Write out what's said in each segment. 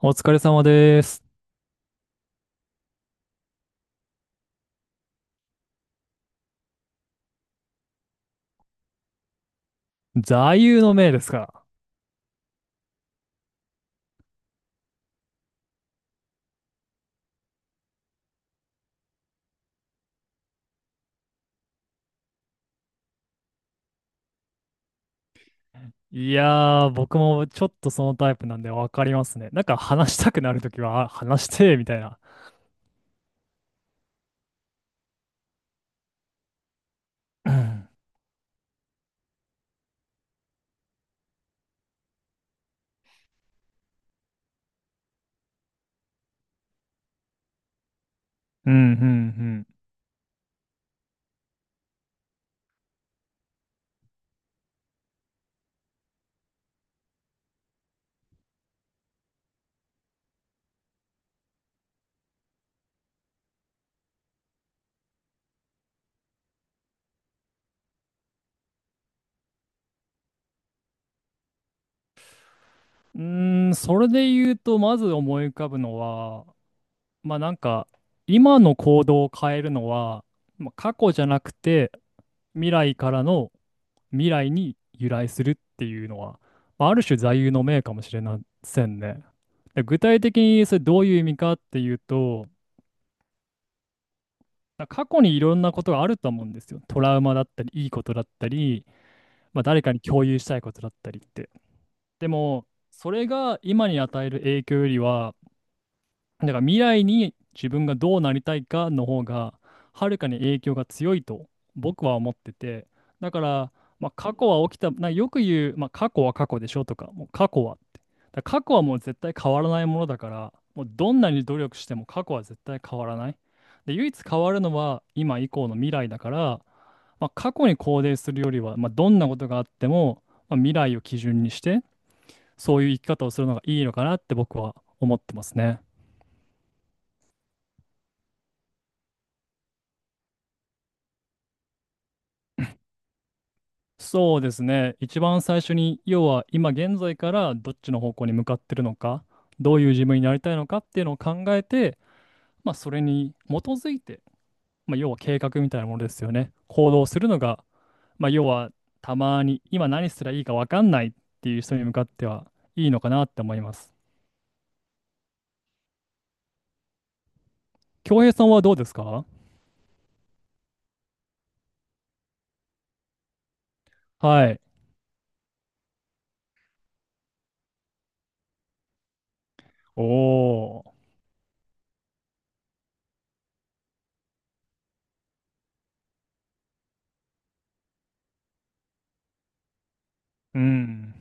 お疲れ様です。座右の銘ですか。いやー、僕もちょっとそのタイプなんでわかりますね。なんか話したくなるときは、あ、話して、みたいな。うんうんうんうん。うーん、それで言うと、まず思い浮かぶのは、まあ、なんか、今の行動を変えるのは、まあ、過去じゃなくて、未来からの未来に由来するっていうのは、まあ、ある種座右の銘かもしれませんね。で、具体的にそれどういう意味かっていうと、だから過去にいろんなことがあると思うんですよ。トラウマだったり、いいことだったり、まあ、誰かに共有したいことだったりって。でも、それが今に与える影響よりは、だから未来に自分がどうなりたいかの方がはるかに影響が強いと僕は思ってて。だから、まあ、過去は起きたなよく言う、まあ、過去は過去でしょとか、もう過去はってだから過去はもう絶対変わらないものだから、もうどんなに努力しても過去は絶対変わらない。で、唯一変わるのは今以降の未来だから、まあ、過去に肯定するよりは、まあ、どんなことがあっても、まあ、未来を基準にしてそういう生き方をするのがいいのかなって僕は思ってますね。そうですね。一番最初に、要は今現在からどっちの方向に向かってるのか、どういう自分になりたいのかっていうのを考えて、まあ、それに基づいて、まあ、要は計画みたいなものですよね。行動するのが、まあ、要はたまに今何すりゃいいか分かんないっていう人に向かってはいいのかなって思います。恭平さんはどうですか？はい。おー。うん。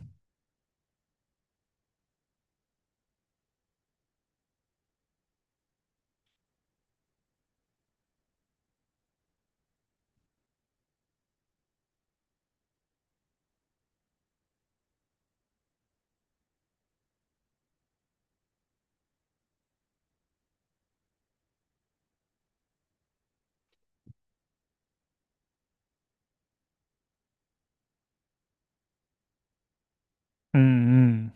うんうん。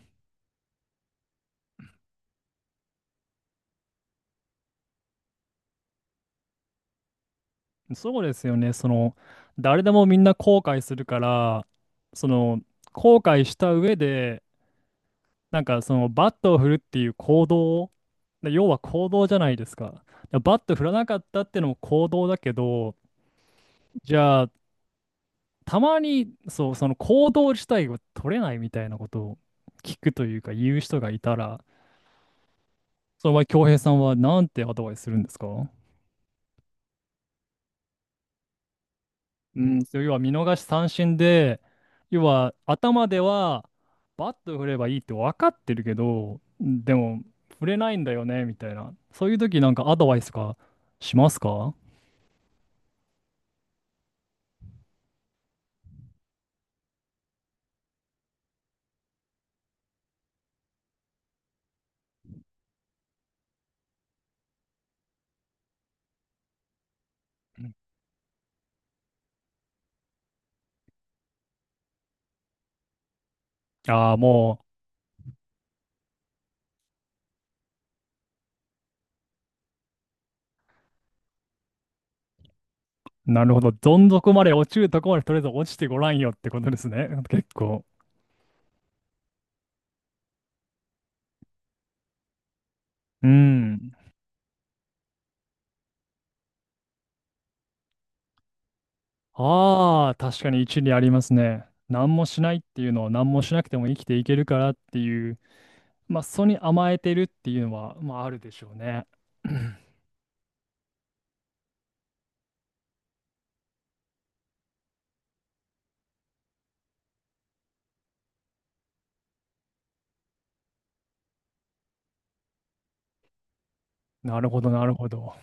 そうですよね。その、誰でもみんな後悔するから、その、後悔した上で、なんかその、バットを振るっていう行動、で、要は行動じゃないですか。でバット振らなかったっていうのも行動だけど、じゃあ、たまに、そう、その行動自体が取れないみたいなことを聞くというか、言う人がいたら、その場合、恭平さんはなんてアドバイスするんですか？うん、そう、要は見逃し三振で、要は頭ではバット振ればいいって分かってるけど、でも振れないんだよね、みたいな。そういう時なんかアドバイスとかしますか？ああー、もう、なるほど。どん底まで落ちるとこまでとりあえず落ちてごらんよってことですね。結構。うん。ああ、確かに一理ありますね。何もしないっていうのは何もしなくても生きていけるからっていう、まあ、それに甘えてるっていうのは、まあ、あるでしょうね。なるほど、なるほど。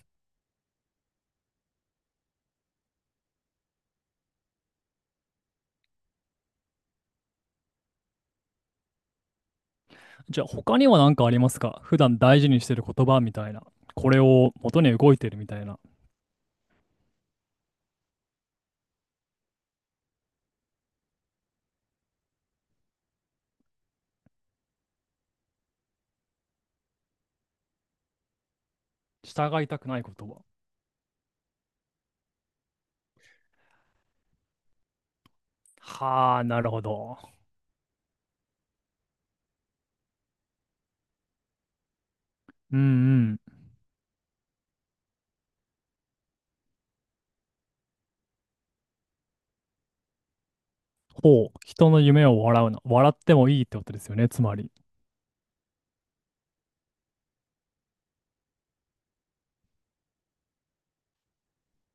じゃあ、他には何かありますか？普段大事にしてる言葉みたいな。これを元に動いてるみたいな。従いたくない言葉。はあ、なるほど。うんうん。ほう。人の夢を笑うな。笑ってもいいってことですよね、つまり。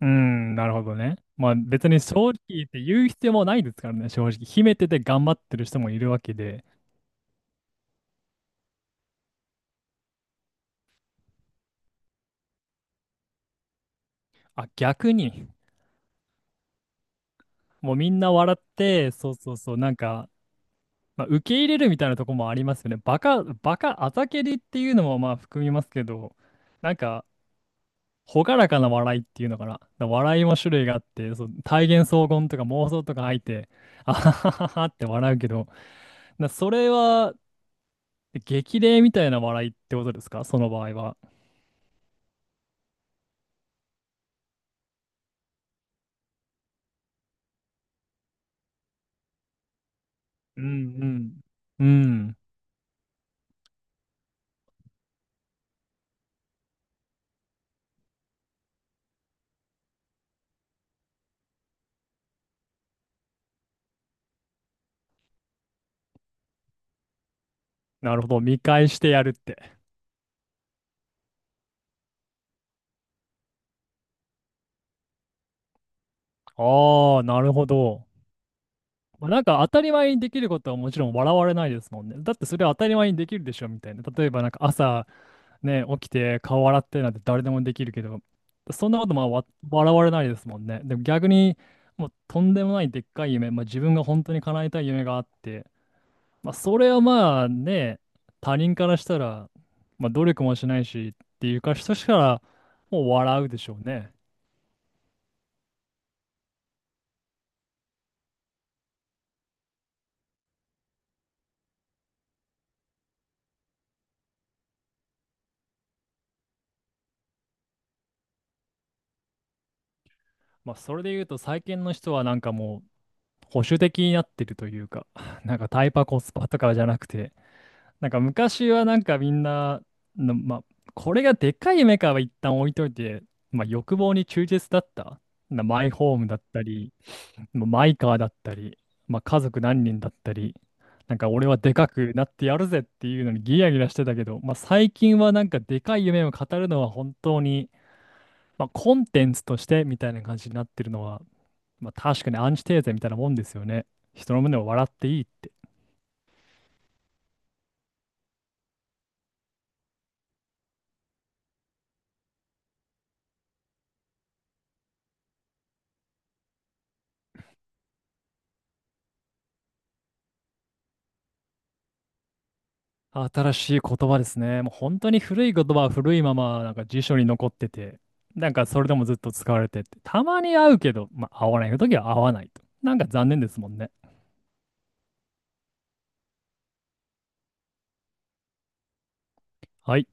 うん、なるほどね。まあ別に正直言って言う必要もないですからね、正直。秘めてて頑張ってる人もいるわけで。あ、逆に。もうみんな笑って、そうそうそう、なんかまあ、受け入れるみたいなとこもありますよね。バカ、バカ、あざけりっていうのもまあ含みますけど、なんか、朗らかな笑いっていうのかな。だから笑いも種類があって、そう、体現荘厳とか妄想とか入って、あははははって笑うけど、それは激励みたいな笑いってことですか、その場合は。うんうん。うん。なるほど。見返してやるって。ああ、なるほど。まあ、なんか当たり前にできることはもちろん笑われないですもんね。だってそれは当たり前にできるでしょみたいな。例えばなんか朝ね、起きて顔洗ってなんて誰でもできるけど、そんなことまあ笑われないですもんね。でも逆にもうとんでもないでっかい夢、まあ、自分が本当に叶えたい夢があって、まあ、それはまあね、他人からしたら、まあ、努力もしないしっていうか、人しからもう笑うでしょうね。まあ、それで言うと最近の人はなんかもう保守的になってるというか、なんかタイパコスパとかじゃなくて、なんか昔はなんかみんな、まあ、これがでかいメカは一旦置いといて、まあ、欲望に忠実だった。マイホームだったり、まあマイカーだったり、まあ、家族何人だったり、なんか俺はでかくなってやるぜっていうのにギラギラしてたけど、まあ、最近はなんかでかい夢を語るのは本当に、まあ、コンテンツとしてみたいな感じになってるのは、まあ確かにアンチテーゼみたいなもんですよね。人の胸を笑っていいって。新しい言葉ですね。もう本当に古い言葉は古いままなんか辞書に残ってて、なんかそれでもずっと使われてて、たまに会うけど、まあ合わない時は合わないと。なんか残念ですもんね。はい。